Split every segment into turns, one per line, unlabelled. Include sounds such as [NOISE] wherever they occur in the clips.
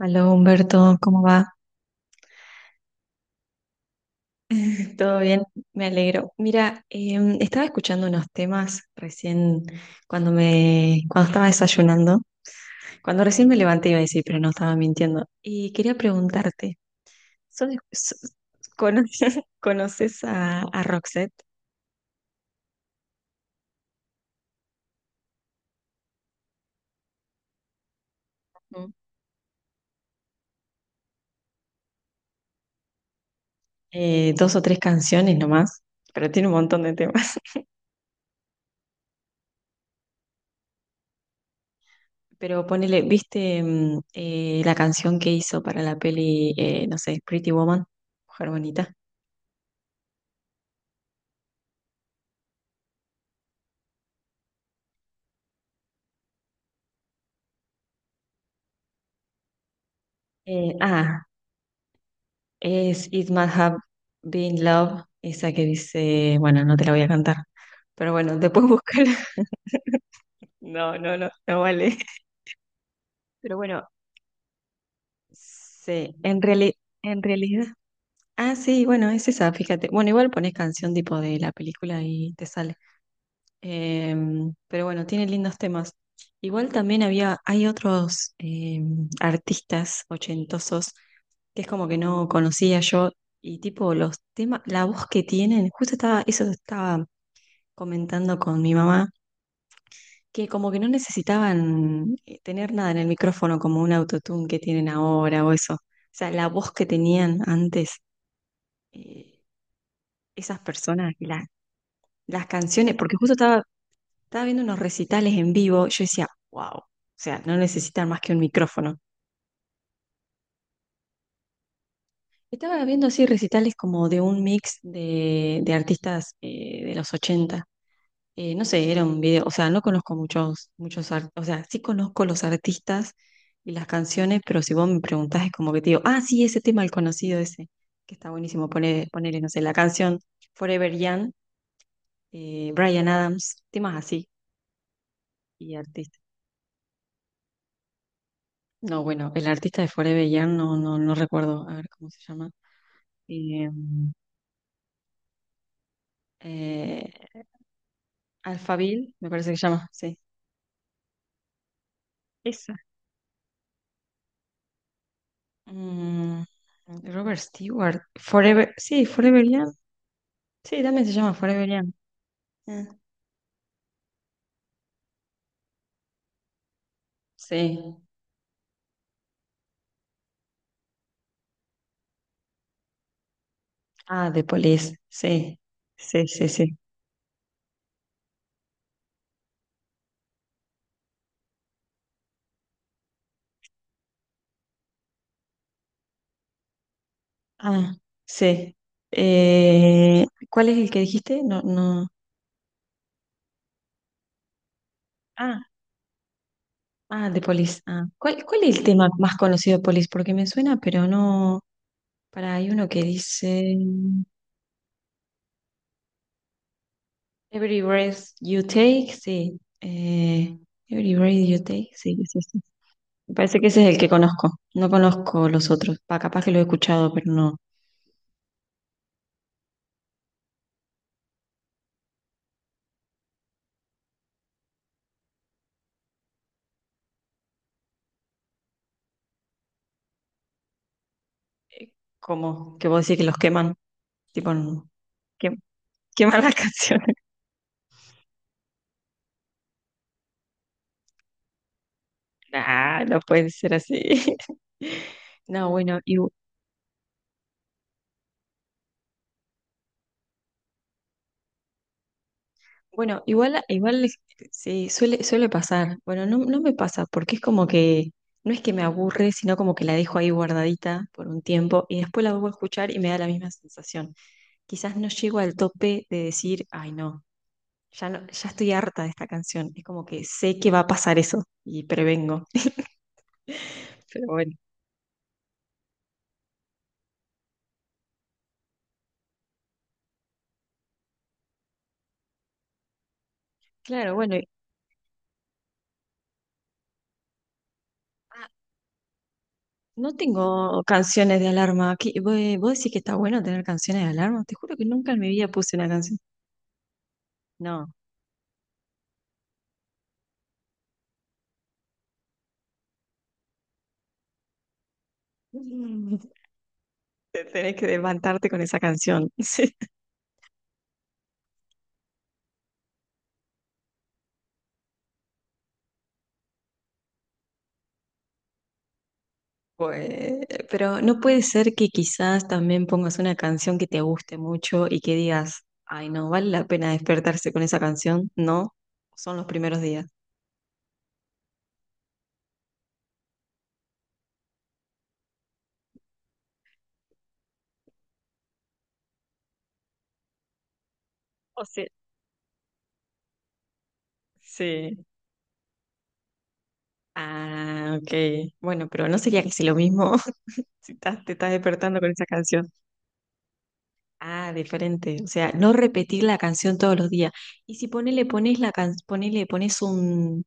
Aló Humberto, ¿cómo va? [LAUGHS] ¿Todo bien? Me alegro. Mira, estaba escuchando unos temas recién cuando estaba desayunando, cuando recién me levanté iba a decir, pero no estaba mintiendo. Y quería preguntarte, ¿sos de- sos- cono- [LAUGHS] ¿conoces a Roxette? ¿Mm? Dos o tres canciones nomás, pero tiene un montón de temas. [LAUGHS] Pero ponele, ¿viste la canción que hizo para la peli, no sé, Pretty Woman, Mujer Bonita? Eh, ah, Es It Must Have Been Love, esa que dice, bueno, no te la voy a cantar, pero bueno, después búscala. [LAUGHS] No, no, no, no vale. Pero bueno, sí, en realidad. Ah, sí, bueno, es esa, fíjate. Bueno, igual pones canción tipo de la película y te sale. Pero bueno, tiene lindos temas. Igual también hay otros artistas ochentosos que es como que no conocía yo y tipo los temas, la voz que tienen, eso estaba comentando con mi mamá que como que no necesitaban tener nada en el micrófono como un autotune que tienen ahora o eso. O sea, la voz que tenían antes eh, esas personas, las canciones, porque estaba viendo unos recitales en vivo, yo decía, wow, o sea, no necesitan más que un micrófono. Estaba viendo así recitales como de un mix de artistas de los ochenta, no sé, era un video, o sea, no conozco o sea, sí conozco los artistas y las canciones, pero si vos me preguntás es como que te digo, ah, sí, ese tema, el conocido ese, que está buenísimo, ponerle, no sé, la canción Forever Young, Bryan Adams, temas así, y artista. No, bueno, el artista de Forever Young no recuerdo, a ver cómo se llama. Eh, eh, Alphaville, me parece que se llama, sí. Esa. Mm, Robert Stewart, Forever, sí, Forever Young. Sí, también se llama Forever Young. Ah, sí. Ah, The Police. Sí. Sí, sí, sí. Ah, sí. ¿Cuál es el que dijiste? No, no. Ah, ah, The Police. Ah. ¿Cuál es el tema más conocido de Police? Porque me suena, pero no. Para, hay uno que dice Every breath you take, sí. Every breath you take, sí, sí, sí. Me parece que ese es el que conozco. No conozco los otros. Pa, capaz que lo he escuchado, pero no. Como que vos decís que los queman, tipo, que- queman las [LAUGHS] canciones. Ah, no puede ser así. [LAUGHS] No, bueno, igual, igual sí, suele, suele pasar. Bueno, no, no me pasa, porque es como que, no es que me aburre, sino como que la dejo ahí guardadita por un tiempo y después la vuelvo a escuchar y me da la misma sensación. Quizás no llego al tope de decir, ay no, ya no, ya estoy harta de esta canción. Es como que sé que va a pasar eso y prevengo. [LAUGHS] Pero bueno, claro, bueno. No tengo canciones de alarma. ¿Vos, vos decís que está bueno tener canciones de alarma? Te juro que nunca en mi vida puse una canción. No. [LAUGHS] Mm. Te tenés que levantarte con esa canción. [LAUGHS] Sí. Pues, pero no puede ser que quizás también pongas una canción que te guste mucho y que digas, ay, no, vale la pena despertarse con esa canción. No, son los primeros días. O sea, sí. Ah, ok. Bueno, pero no sería casi lo mismo [LAUGHS] si estás- te estás despertando con esa canción. Ah, diferente. O sea, no repetir la canción todos los días. Y si ponele, ponele, pones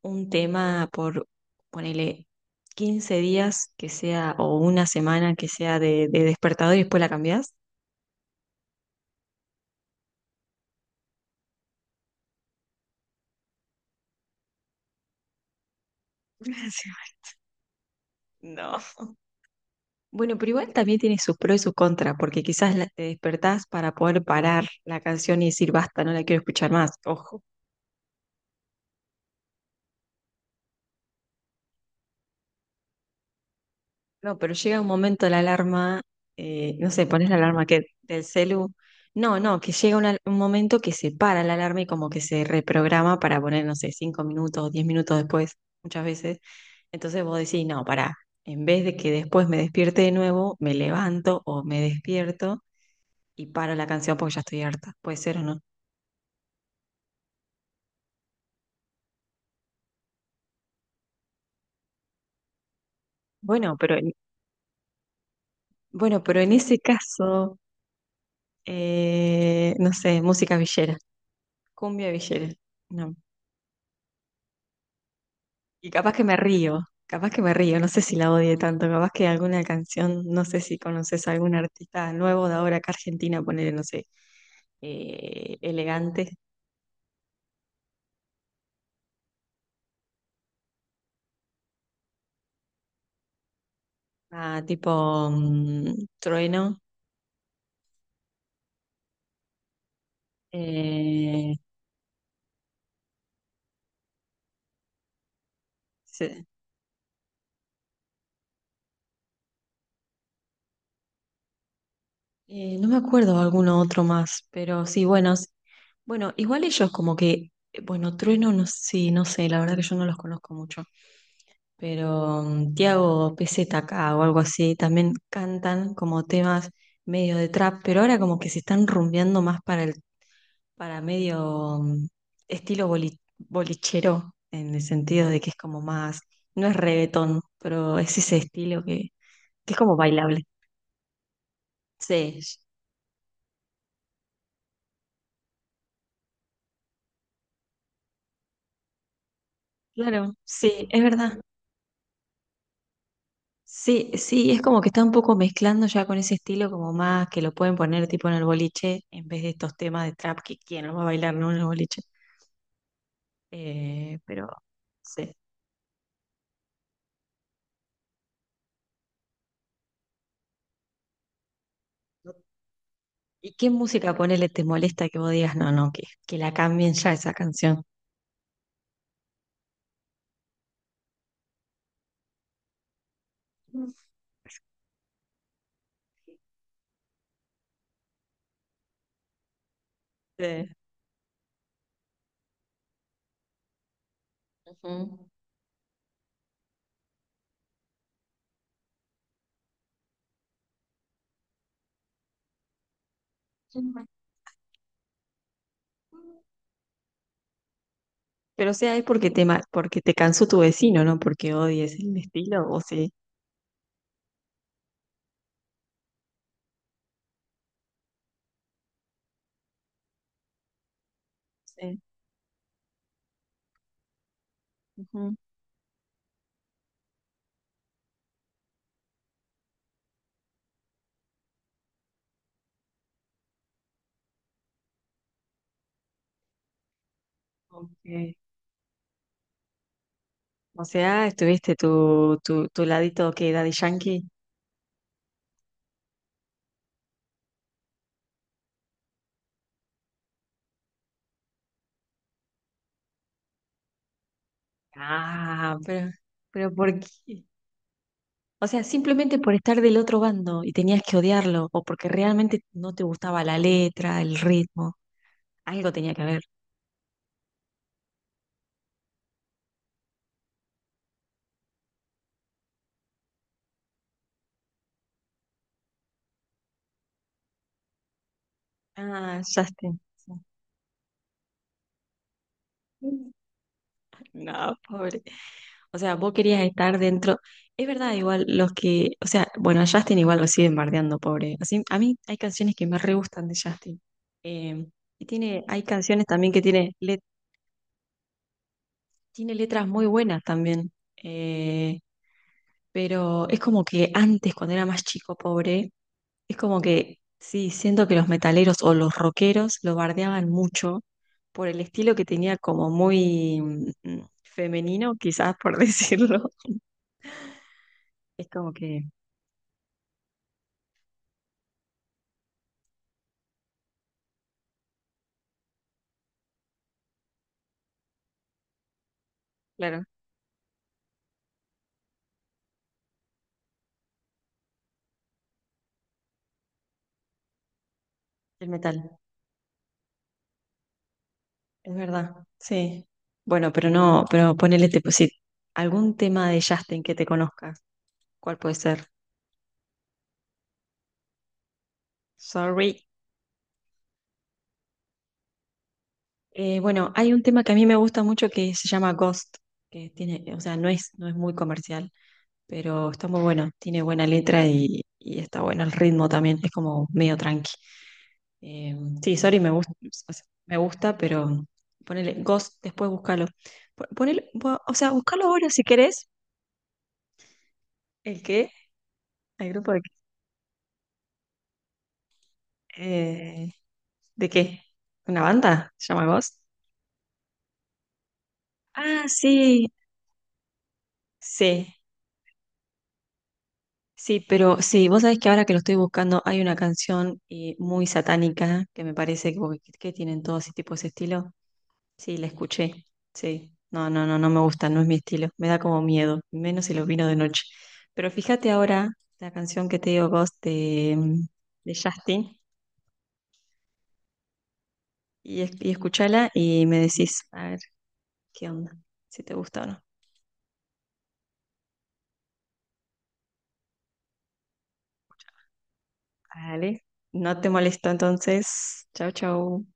un tema por, ponele, 15 días que sea, o una semana que sea de despertador y después la cambiás. [LAUGHS] Una semana. No. Bueno, pero igual también tiene sus pros y sus contras, porque quizás te despertás para poder parar la canción y decir basta, no la quiero escuchar más. Ojo. No, pero llega un momento la alarma, no sé, pones la alarma que del celu. No, no, que llega un momento que se para la alarma y como que se reprograma para poner, no sé, cinco minutos diez minutos después, muchas veces. Entonces vos decís, no, pará, en vez de que después me despierte de nuevo, me levanto o me despierto y paro la canción porque ya estoy harta. Puede ser o no. Bueno, pero en, bueno, pero en ese caso, no sé, música villera, cumbia villera. No. Y capaz que me río, capaz que me río, no sé si la odie tanto, capaz que alguna canción, no sé si conoces a algún artista nuevo de ahora acá Argentina, ponele, no sé, elegante, ah, tipo mm, Trueno, eh, se- no me acuerdo alguno otro más, pero sí, bueno, igual ellos como que, bueno, Trueno, no, sí, no sé, la verdad que yo no los conozco mucho. Pero mm, Tiago PZK o algo así, también cantan como temas medio de trap, pero ahora como que se están rumbeando más para el, para medio mm, bolichero, en el sentido de que es como más, no es reggaetón, pero es ese estilo que es como bailable. Sí, claro, sí, es verdad. Sí, sí, es como que está un poco mezclando ya con ese estilo como más que lo pueden poner tipo en el boliche en vez de estos temas de trap que quién lo va a bailar, ¿no? En el boliche. Eh, pero sí. ¿Y qué música ponele te molesta que vos digas, no, no, que la cambien ya esa canción? Sí. Ujú. Pero o sea, es porque porque te cansó tu vecino, ¿no? Porque odies el estilo, o sí. Sí. Ujú. Ok. O sea, estuviste tu, tu, tu ladito que Daddy Yankee. Ah, pero ¿por qué? O sea, simplemente por estar del otro bando y tenías que odiarlo, o porque realmente no te gustaba la letra, el ritmo. Algo tenía que haber. Ah, Justin está. No, pobre. O sea, vos querías estar dentro. Es verdad, igual los que. O sea, bueno, a Justin igual lo siguen bardeando, pobre. Así, a mí hay canciones que me re gustan de Justin. Eh, y tiene, hay canciones también que tiene, tiene letras muy buenas también. Eh, pero es como que antes, cuando era más chico, pobre, es como que sí, siento que los metaleros o los rockeros lo bardeaban mucho por el estilo que tenía como muy mm, femenino, quizás por [LAUGHS] decirlo. Es como que, claro, el metal, es verdad, sí. Bueno, pero no, pero ponele tipo, sí, algún tema de Justin que te conozcas, ¿cuál puede ser? Sorry. Bueno, hay un tema que a mí me gusta mucho que se llama Ghost, que tiene, o sea, no es, no es muy comercial, pero está muy bueno, tiene buena letra y está bueno el ritmo también, es como medio tranqui. Eh, sí, Sorry me gusta, o sea, me gusta, pero ponele Ghost, después búscalo. Ponele, o sea, búscalo ahora si querés. ¿El qué? ¿El grupo de qué? Eh, ¿De qué? ¿Una banda? ¿Se llama Ghost? Ah, sí, sí, sí, pero sí, vos sabés que ahora que lo estoy buscando hay una canción muy satánica que me parece que tienen todos ese tipo, ese estilo. Sí, la escuché. Sí. No, no, no, no me gusta, no es mi estilo. Me da como miedo, menos si los vino de noche. Pero fíjate ahora la canción que te digo, Ghost, de Justin, y escuchala y me decís, a ver, qué onda, si te gusta o no. Vale. No te molesto entonces. Chau, chau.